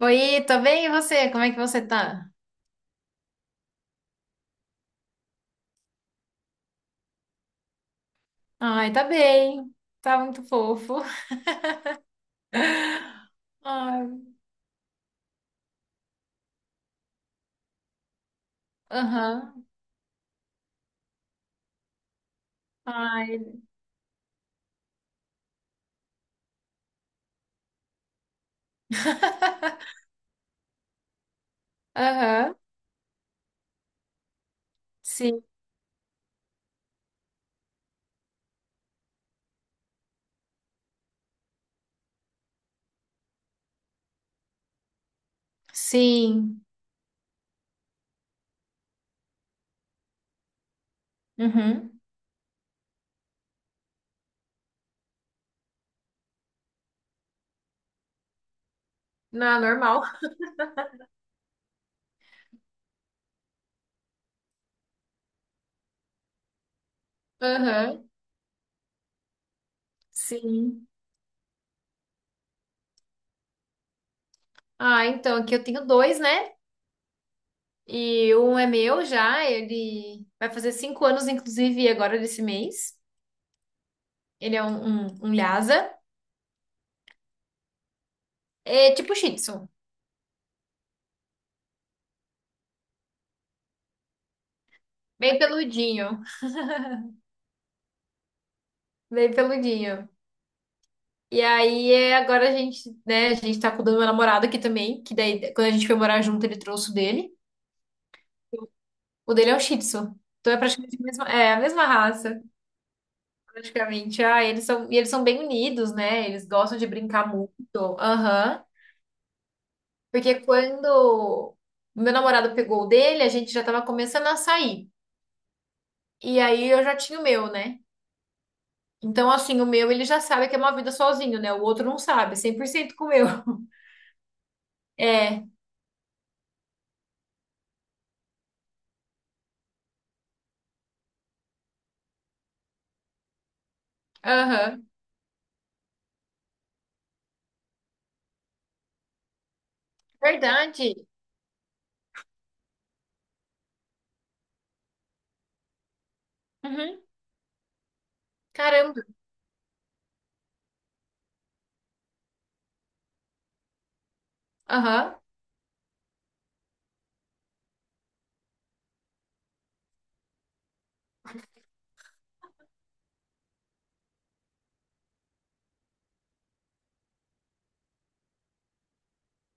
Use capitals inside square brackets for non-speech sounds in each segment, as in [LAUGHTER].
Oi, tô bem, e você? Como é que você tá? Ai, tá bem. Tá muito fofo. [LAUGHS] Ai, aham. Ai. [LAUGHS] Aham. Sim. Sim. Uhum. Não, é normal. Aham. Sim. Ah, então, aqui eu tenho dois, né? E um é meu já, ele vai fazer 5 anos, inclusive, agora desse mês. Ele é um Lhasa. É tipo Shih Tzu. Bem peludinho. Bem peludinho. E aí, é, agora a gente tá cuidando do meu namorado aqui também, que daí, quando a gente foi morar junto, ele trouxe o dele. O dele é o Shih Tzu. Então é praticamente a mesma, é, a mesma raça, praticamente. Ah, eles são, e eles são bem unidos, né? Eles gostam de brincar muito. Aham. Porque quando o meu namorado pegou o dele, a gente já tava começando a sair. E aí eu já tinha o meu, né? Então, assim, o meu ele já sabe que é uma vida sozinho, né? O outro não sabe, 100% com o meu. [LAUGHS] É, aham. Verdade. Uhum. Caramba. Aham,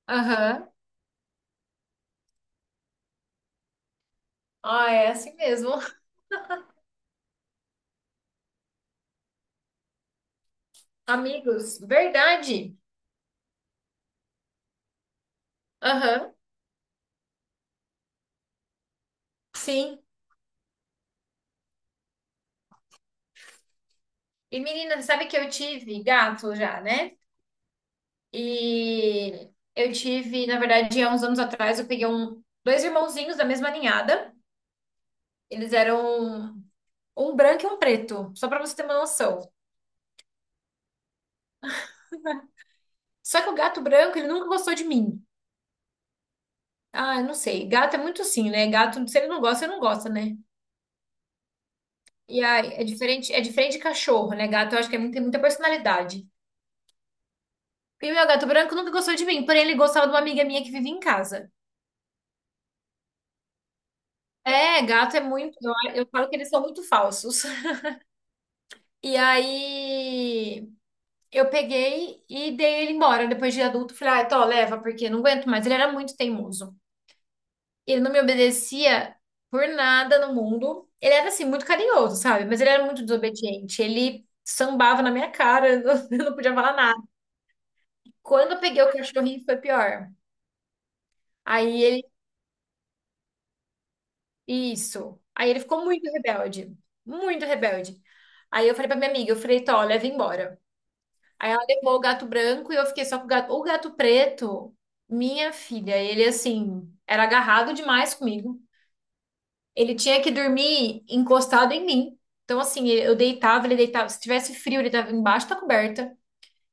aham. Ah, é assim mesmo. [LAUGHS] Amigos, verdade. Aham, sim. E menina, sabe que eu tive gato já, né? E eu tive, na verdade, há uns anos atrás, eu peguei um, dois irmãozinhos da mesma ninhada. Eles eram um branco e um preto, só pra você ter uma noção. Só que o gato branco, ele nunca gostou de mim. Ah, eu não sei. Gato é muito assim, né? Gato, se ele não gosta, ele não gosta, né? E aí, é diferente de cachorro, né? Gato, eu acho que é muito- tem muita personalidade. Porque meu gato branco nunca gostou de mim, porém ele gostava de uma amiga minha que vive em casa. É, gato é muito. Eu falo que eles são muito falsos. [LAUGHS] E aí eu peguei e dei ele embora depois de adulto. Falei, ah, tô, leva, porque não aguento mais. Ele era muito teimoso. Ele não me obedecia por nada no mundo. Ele era assim, muito carinhoso, sabe? Mas ele era muito desobediente. Ele sambava na minha cara, [LAUGHS] eu não podia falar nada. Quando eu peguei o cachorrinho, foi pior. Aí ele Isso. Aí ele ficou muito rebelde, muito rebelde. Aí eu falei pra minha amiga, eu falei, Tó, leva embora. Aí ela levou o gato branco e eu fiquei só com o gato. O gato preto, minha filha, ele assim, era agarrado demais comigo. Ele tinha que dormir encostado em mim. Então, assim, eu deitava, ele deitava. Se tivesse frio, ele estava embaixo da coberta.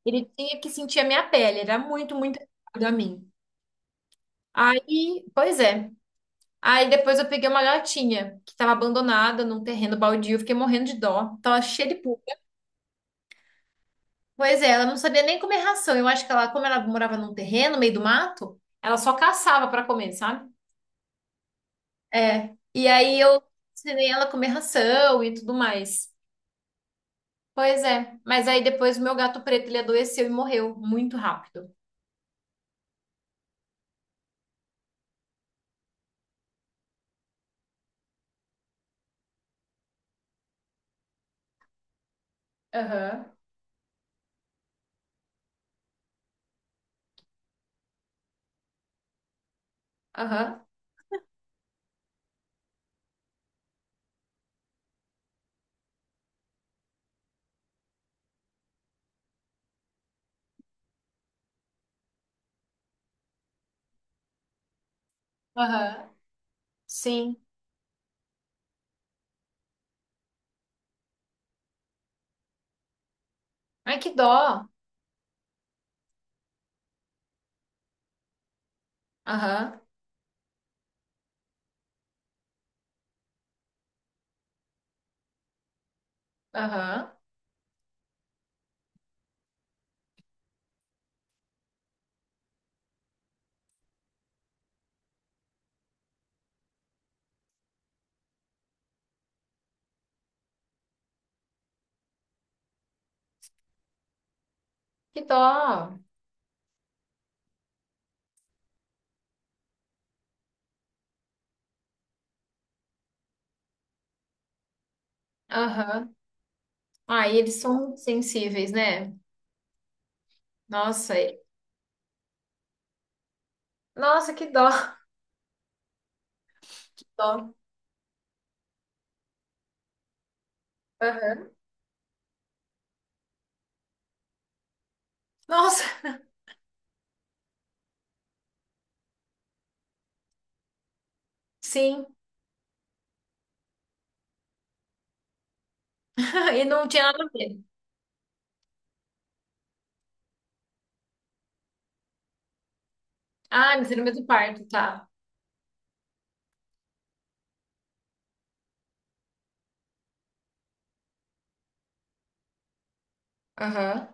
Ele tinha que sentir a minha pele, era muito agarrado a mim. Aí, pois é. Aí depois eu peguei uma gatinha que tava abandonada num terreno baldio, eu fiquei morrendo de dó. Tava cheia de pulga. Pois é, ela não sabia nem comer ração. Eu acho que ela, como ela morava num terreno, no meio do mato, ela só caçava pra comer, sabe? É. E aí eu ensinei ela a comer ração e tudo mais. Pois é. Mas aí depois o meu gato preto, ele adoeceu e morreu muito rápido. Aham, aham, aham. Sim. Ai, que dó. Aham, aham. Que dó. Aham. Ah, e eles são sensíveis, né? Nossa, e- nossa, que dó. Dó. Aham. Nossa, sim. [LAUGHS] E não tinha nada a ver. Ah, eles no mesmo parto, tá. Aham.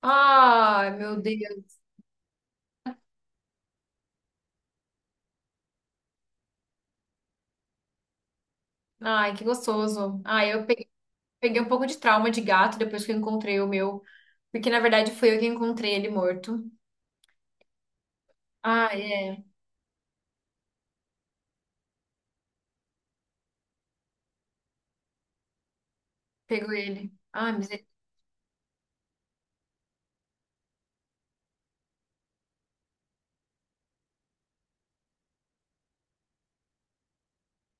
Ai, meu Deus. Ai, que gostoso. Ai, eu, pe- peguei um pouco de trauma de gato depois que eu encontrei o meu. Porque, na verdade, fui eu que encontrei ele morto. Ah, é. Pegou ele. Ah, misericórdia.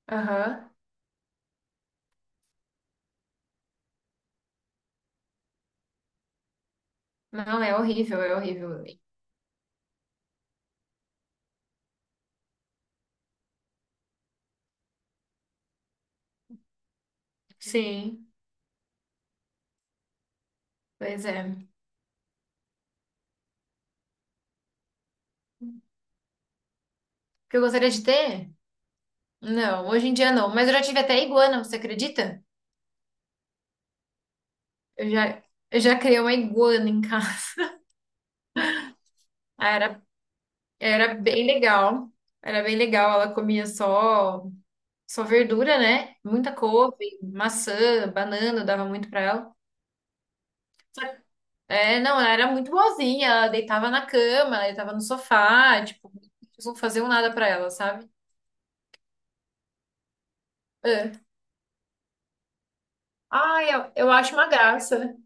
Aham. Não, é horrível, é horrível. Sim, pois é. O que eu gostaria de ter? Não, hoje em dia não. Mas eu já tive até iguana, você acredita? Eu já, eu já criei uma iguana em casa. [LAUGHS] Era, era bem legal. Era bem legal. Ela comia só, só verdura, né? Muita couve, maçã, banana, dava muito pra ela. É, não, ela era muito boazinha. Ela deitava na cama, ela deitava no sofá. Tipo, não faziam nada pra ela, sabe? É. Ai, eu acho uma graça.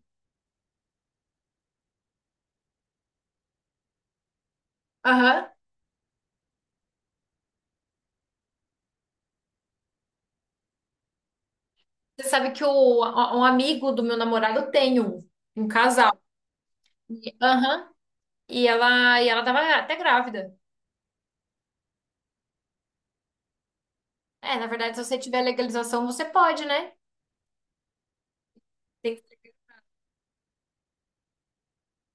Aham. Você sabe que o, um amigo do meu namorado tem um casal. E- Aham. E ela tava até grávida. É, na verdade, se você tiver legalização, você pode, né? Tem que-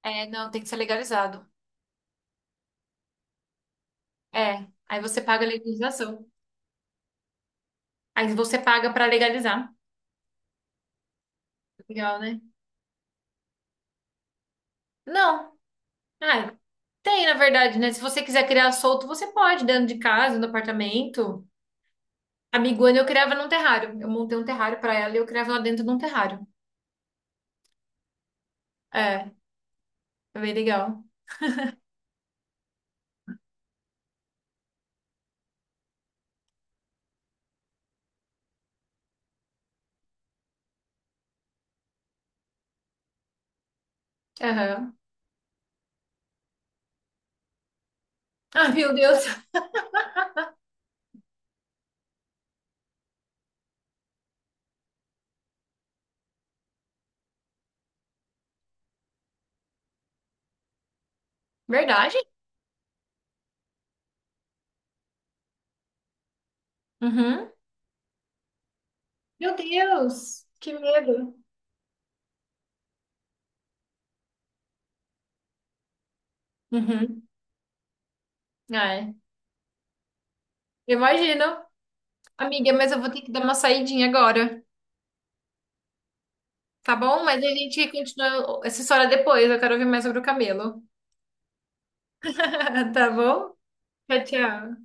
é, não, tem que ser legalizado. É, aí você paga a legalização. Aí você paga pra legalizar. Legal, né? Não. Ah, tem, na verdade, né? Se você quiser criar solto, você pode, dentro de casa, no apartamento. A Miguana eu criava num terrário. Eu montei um terrário pra ela e eu criava ela dentro de um terrário. É, é bem legal. Aham. Ah, meu Deus. [LAUGHS] Verdade? Uhum. Meu Deus, que medo. Uhum. É, imagino. Amiga, mas eu vou ter que dar uma saidinha agora, tá bom? Mas a gente continua essa história depois. Eu quero ouvir mais sobre o camelo. [LAUGHS] Tá bom? Tchau, tchau.